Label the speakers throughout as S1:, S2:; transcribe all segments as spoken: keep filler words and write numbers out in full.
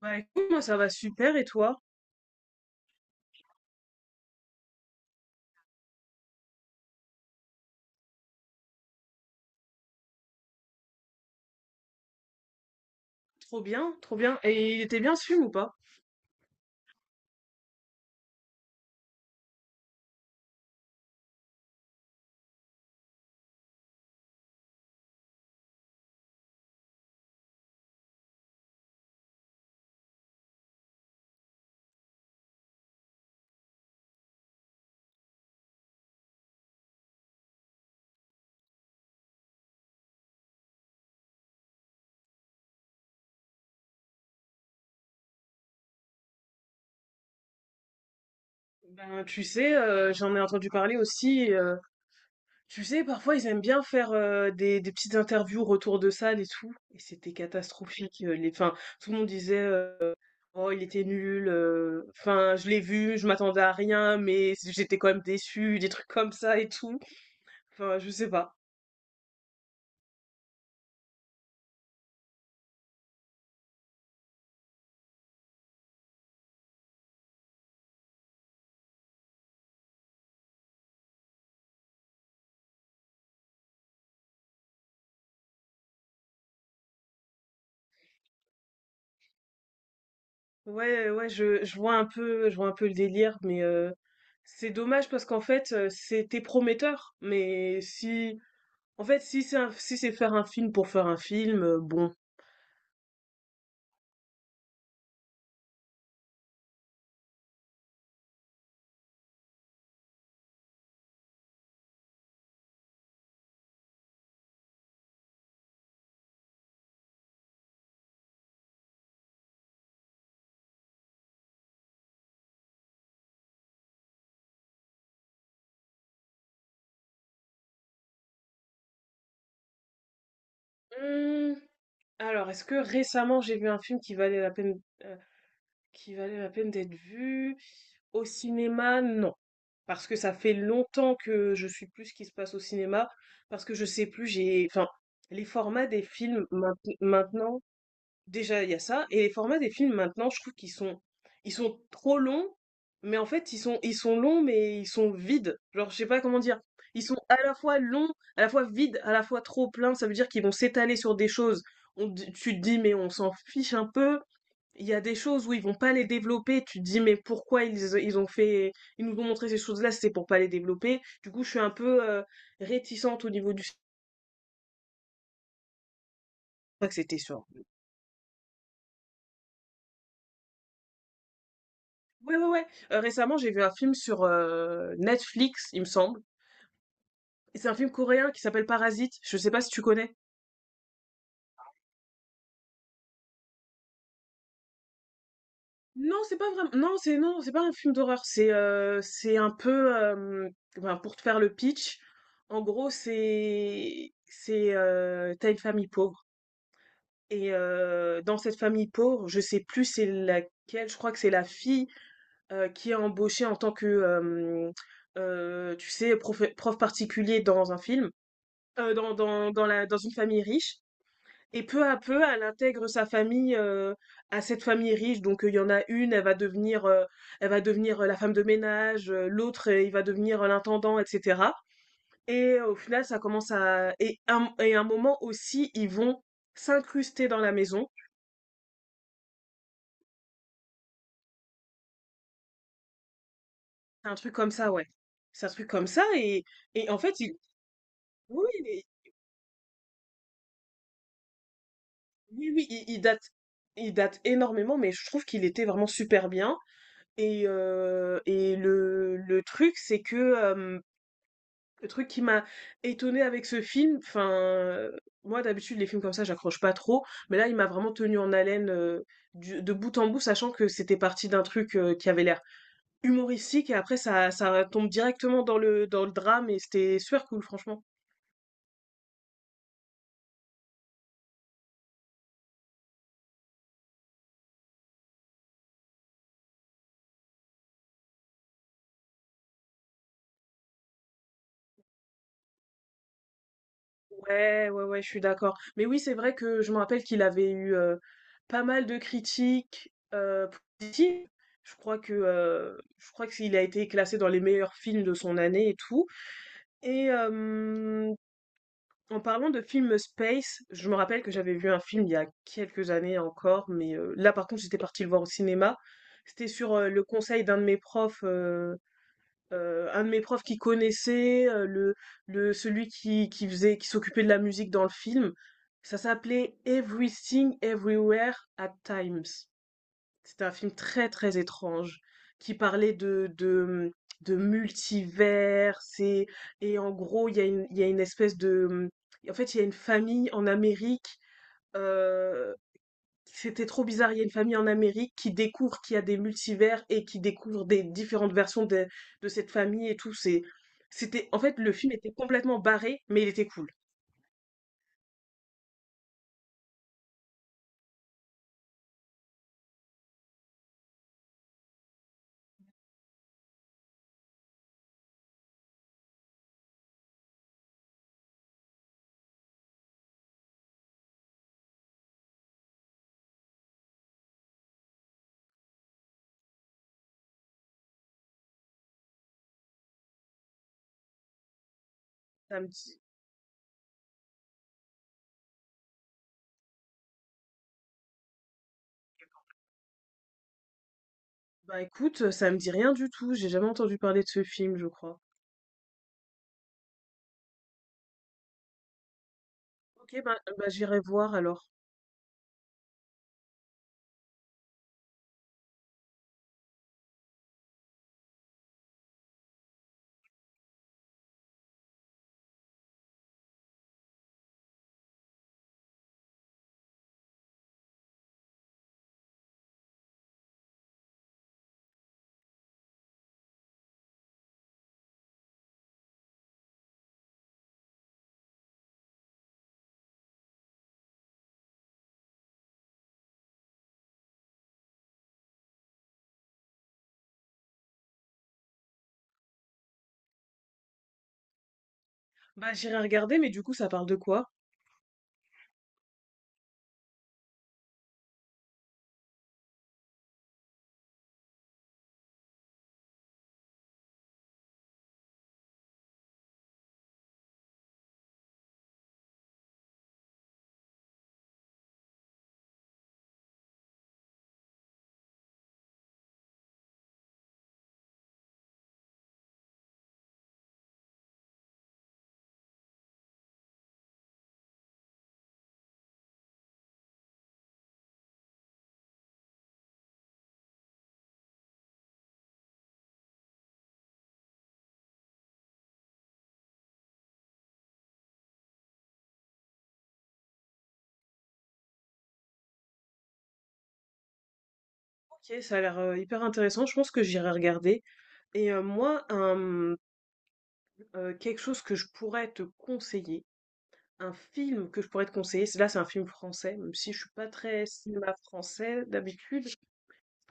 S1: Bah écoute, moi ça va super et toi? Trop bien, trop bien. Et il était bien ce film ou pas? Ben tu sais, euh, j'en ai entendu parler aussi. Euh, tu sais, parfois ils aiment bien faire euh, des, des petites interviews, retour de salle et tout. Et c'était catastrophique. euh, les, enfin, tout le monde disait euh, oh il était nul. euh, Enfin, je l'ai vu, je m'attendais à rien, mais j'étais quand même déçue, des trucs comme ça et tout. Enfin, je sais pas. Ouais, ouais, je, je vois un peu, je vois un peu le délire, mais euh, c'est dommage parce qu'en fait, euh, c'était prometteur. Mais si, en fait, si c'est un- si c'est faire un film pour faire un film, euh, bon. Hmm, alors, est-ce que récemment j'ai vu un film qui valait la peine, euh, qui valait la peine d'être vu au cinéma? Non, parce que ça fait longtemps que je suis plus ce qui se passe au cinéma, parce que je sais plus, j'ai, enfin, les formats des films mainte- maintenant. Déjà, il y a ça. Et les formats des films maintenant, je trouve qu'ils sont, ils sont trop longs, mais en fait, ils sont, ils sont longs, mais ils sont vides. Genre, je sais pas comment dire. Ils sont à la fois longs, à la fois vides, à la fois trop pleins. Ça veut dire qu'ils vont s'étaler sur des choses. On, te- tu te dis, mais on s'en fiche un peu. Il y a des choses où ils vont pas les développer. Tu te dis, mais pourquoi ils, ils ont fait, ils nous ont montré ces choses-là, c'est pour pas les développer. Du coup, je suis un peu euh, réticente au niveau du. Je crois que c'était sur... Ouais, ouais, ouais. Heu, récemment, j'ai vu un film sur heu, Netflix, il me semble. Et c'est un film coréen qui s'appelle Parasite. Je sais pas si tu connais? Non, c'est pas vraiment non, c'est non, c'est pas un film d'horreur. C'est, heu, c'est un peu, hem, ben, pour te faire le pitch, en gros, c'est c'est, heu, tu une famille pauvre et heu, dans cette famille pauvre, je sais plus c'est laquelle, je crois que c'est la fille, heu, qui est embauchée en tant que, hem, heu, tu sais, prof prof particulier dans un film heu, dans dans dans la dans une famille riche et peu à peu, elle intègre sa famille, heu, à cette famille riche. Donc, heu, il y en a une, elle va devenir, heu, elle va devenir, heu, la femme de ménage, heu, l'autre, heu, il va devenir, heu, l'intendant et cetera et heu, au final, ça commence à et un et un moment aussi, ils vont s'incruster dans la maison. C'est un truc comme ça, ouais. C'est un truc comme ça et et en fait, il oui, oui, mais oui, oui, il il date il date énormément mais je trouve qu'il était vraiment super bien. Et heu et le le truc, c'est que, hem, le truc qui m'a étonnée avec ce film, enfin, heu, moi d'habitude les films comme ça j'accroche pas trop, mais là il m'a vraiment tenu en haleine, heu, du de bout en bout, sachant que c'était parti d'un truc, heu, qui avait l'air humoristique et après ça ça tombe directement dans le dans le drame et c'était super cool franchement. Ouais, ouais, ouais, je suis d'accord. Mais oui, c'est vrai que je me rappelle qu'il avait eu euh, pas mal de critiques euh, positives. Je crois que euh, je crois qu'il a été classé dans les meilleurs films de son année et tout. Et euh, en parlant de film space, je me rappelle que j'avais vu un film il y a quelques années encore, mais euh, là par contre j'étais partie le voir au cinéma. C'était sur euh, le conseil d'un de mes profs euh, un de mes profs qui connaissait euh, le, le celui qui, qui faisait qui s'occupait de la musique dans le film. Ça s'appelait Everything Everywhere at Times. C'était un film très très étrange qui parlait de de, de multivers et, et en gros il y a une il y a une espèce de en fait il y a une famille en Amérique euh, c'était trop bizarre, il y a une famille en Amérique qui découvre qu'il y a des multivers et qui découvre des différentes versions de, de cette famille et tout. C'est, c'était, en fait, le film était complètement barré, mais il était cool. Ça me dit, Bah écoute, ça me dit rien du tout. J'ai jamais entendu parler de ce film, je crois. Ok, bah, bah j'irai voir alors. Bah j'irai regarder, mais du coup, ça parle de quoi? Ok, ça a l'air euh, hyper intéressant. Je pense que j'irai regarder. Et euh, moi, un, euh, quelque chose que je pourrais te conseiller, un film que je pourrais te conseiller, c'est- là c'est un film français, même si je suis pas très cinéma français d'habitude.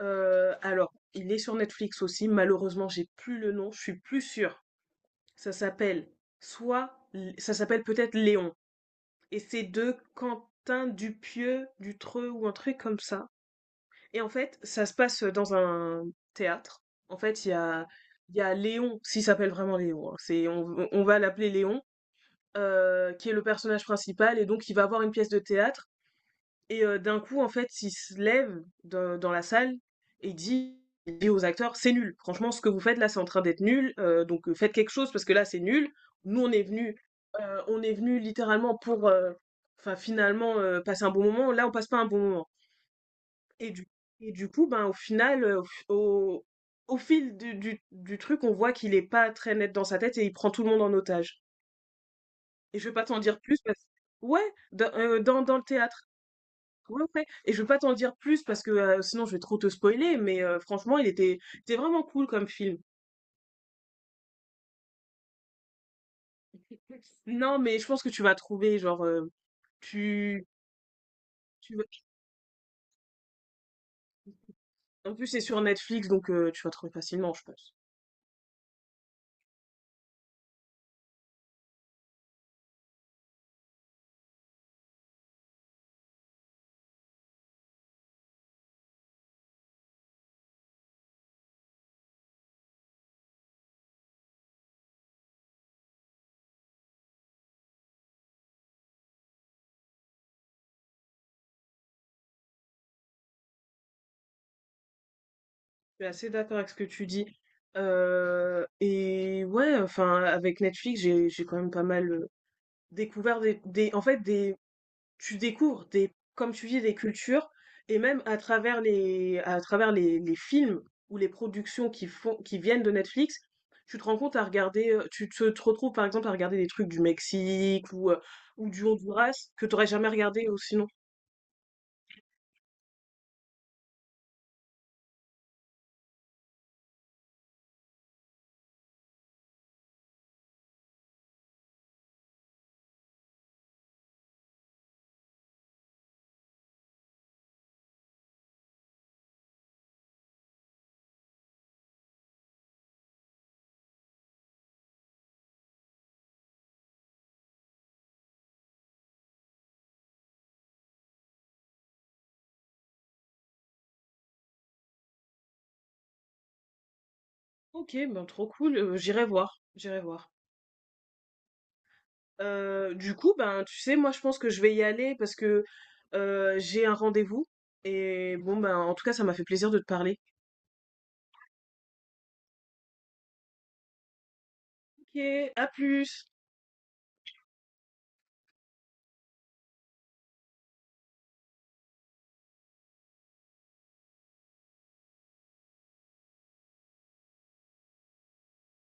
S1: Euh, alors, il est sur Netflix aussi. Malheureusement, j'ai plus le nom. Je suis plus sûre. Ça s'appelle soit, ça s'appelle peut-être Léon. Et c'est de Quentin Dupieux, Dutreux ou un truc comme ça. Et en fait, ça se passe dans un théâtre. En fait, il y a, il y a Léon, s'il s'appelle vraiment Léon, hein, c'est, on, on va l'appeler Léon, euh, qui est le personnage principal, et donc il va voir une pièce de théâtre, et euh, d'un coup, en fait, il se lève dans, dans la salle et dit, il dit aux acteurs, c'est nul, franchement, ce que vous faites là, c'est en train d'être nul, euh, donc euh, faites quelque chose, parce que là, c'est nul. Nous, on est venus, euh, on est venus littéralement pour, euh, enfin, finalement, euh, passer un bon moment, là, on passe pas un bon moment. Et du, et du coup, ben, au final, euh, au, f- au, au fil du, du, du truc, on voit qu'il est pas très net dans sa tête et il prend tout le monde en otage. Et je vais pas t'en dire plus parce que... Ouais, dans, euh, dans, dans le théâtre. Ouais, ouais. Et je vais pas t'en dire plus parce que euh, sinon je vais trop te spoiler, mais euh, franchement, il était, c'était vraiment cool comme film. Non, mais je pense que tu vas trouver, genre. Euh, tu, tu En plus, c'est sur Netflix, donc euh, tu vas trouver facilement, je pense. Je suis assez d'accord avec ce que tu dis. Euh, et ouais, enfin, avec Netflix, j'ai j'ai quand même pas mal. Découvert des des en fait des tu découvres des comme tu dis des cultures et même à travers les à travers les les films ou les productions qui font qui viennent de Netflix, tu te rends compte à regarder, heu, tu te te retrouves par exemple à regarder des trucs du Mexique ou, heu, ou du Honduras que t'aurais jamais regardé, ou sinon. OK, ben, trop cool, heu, j'irai voir, j'irai voir. Heu, du coup, ben, tu sais, moi je pense que je vais y aller parce que, heu, j'ai un rendez-vous et bon, ben, en tout cas ça m'a fait plaisir de te parler. OK, à plus!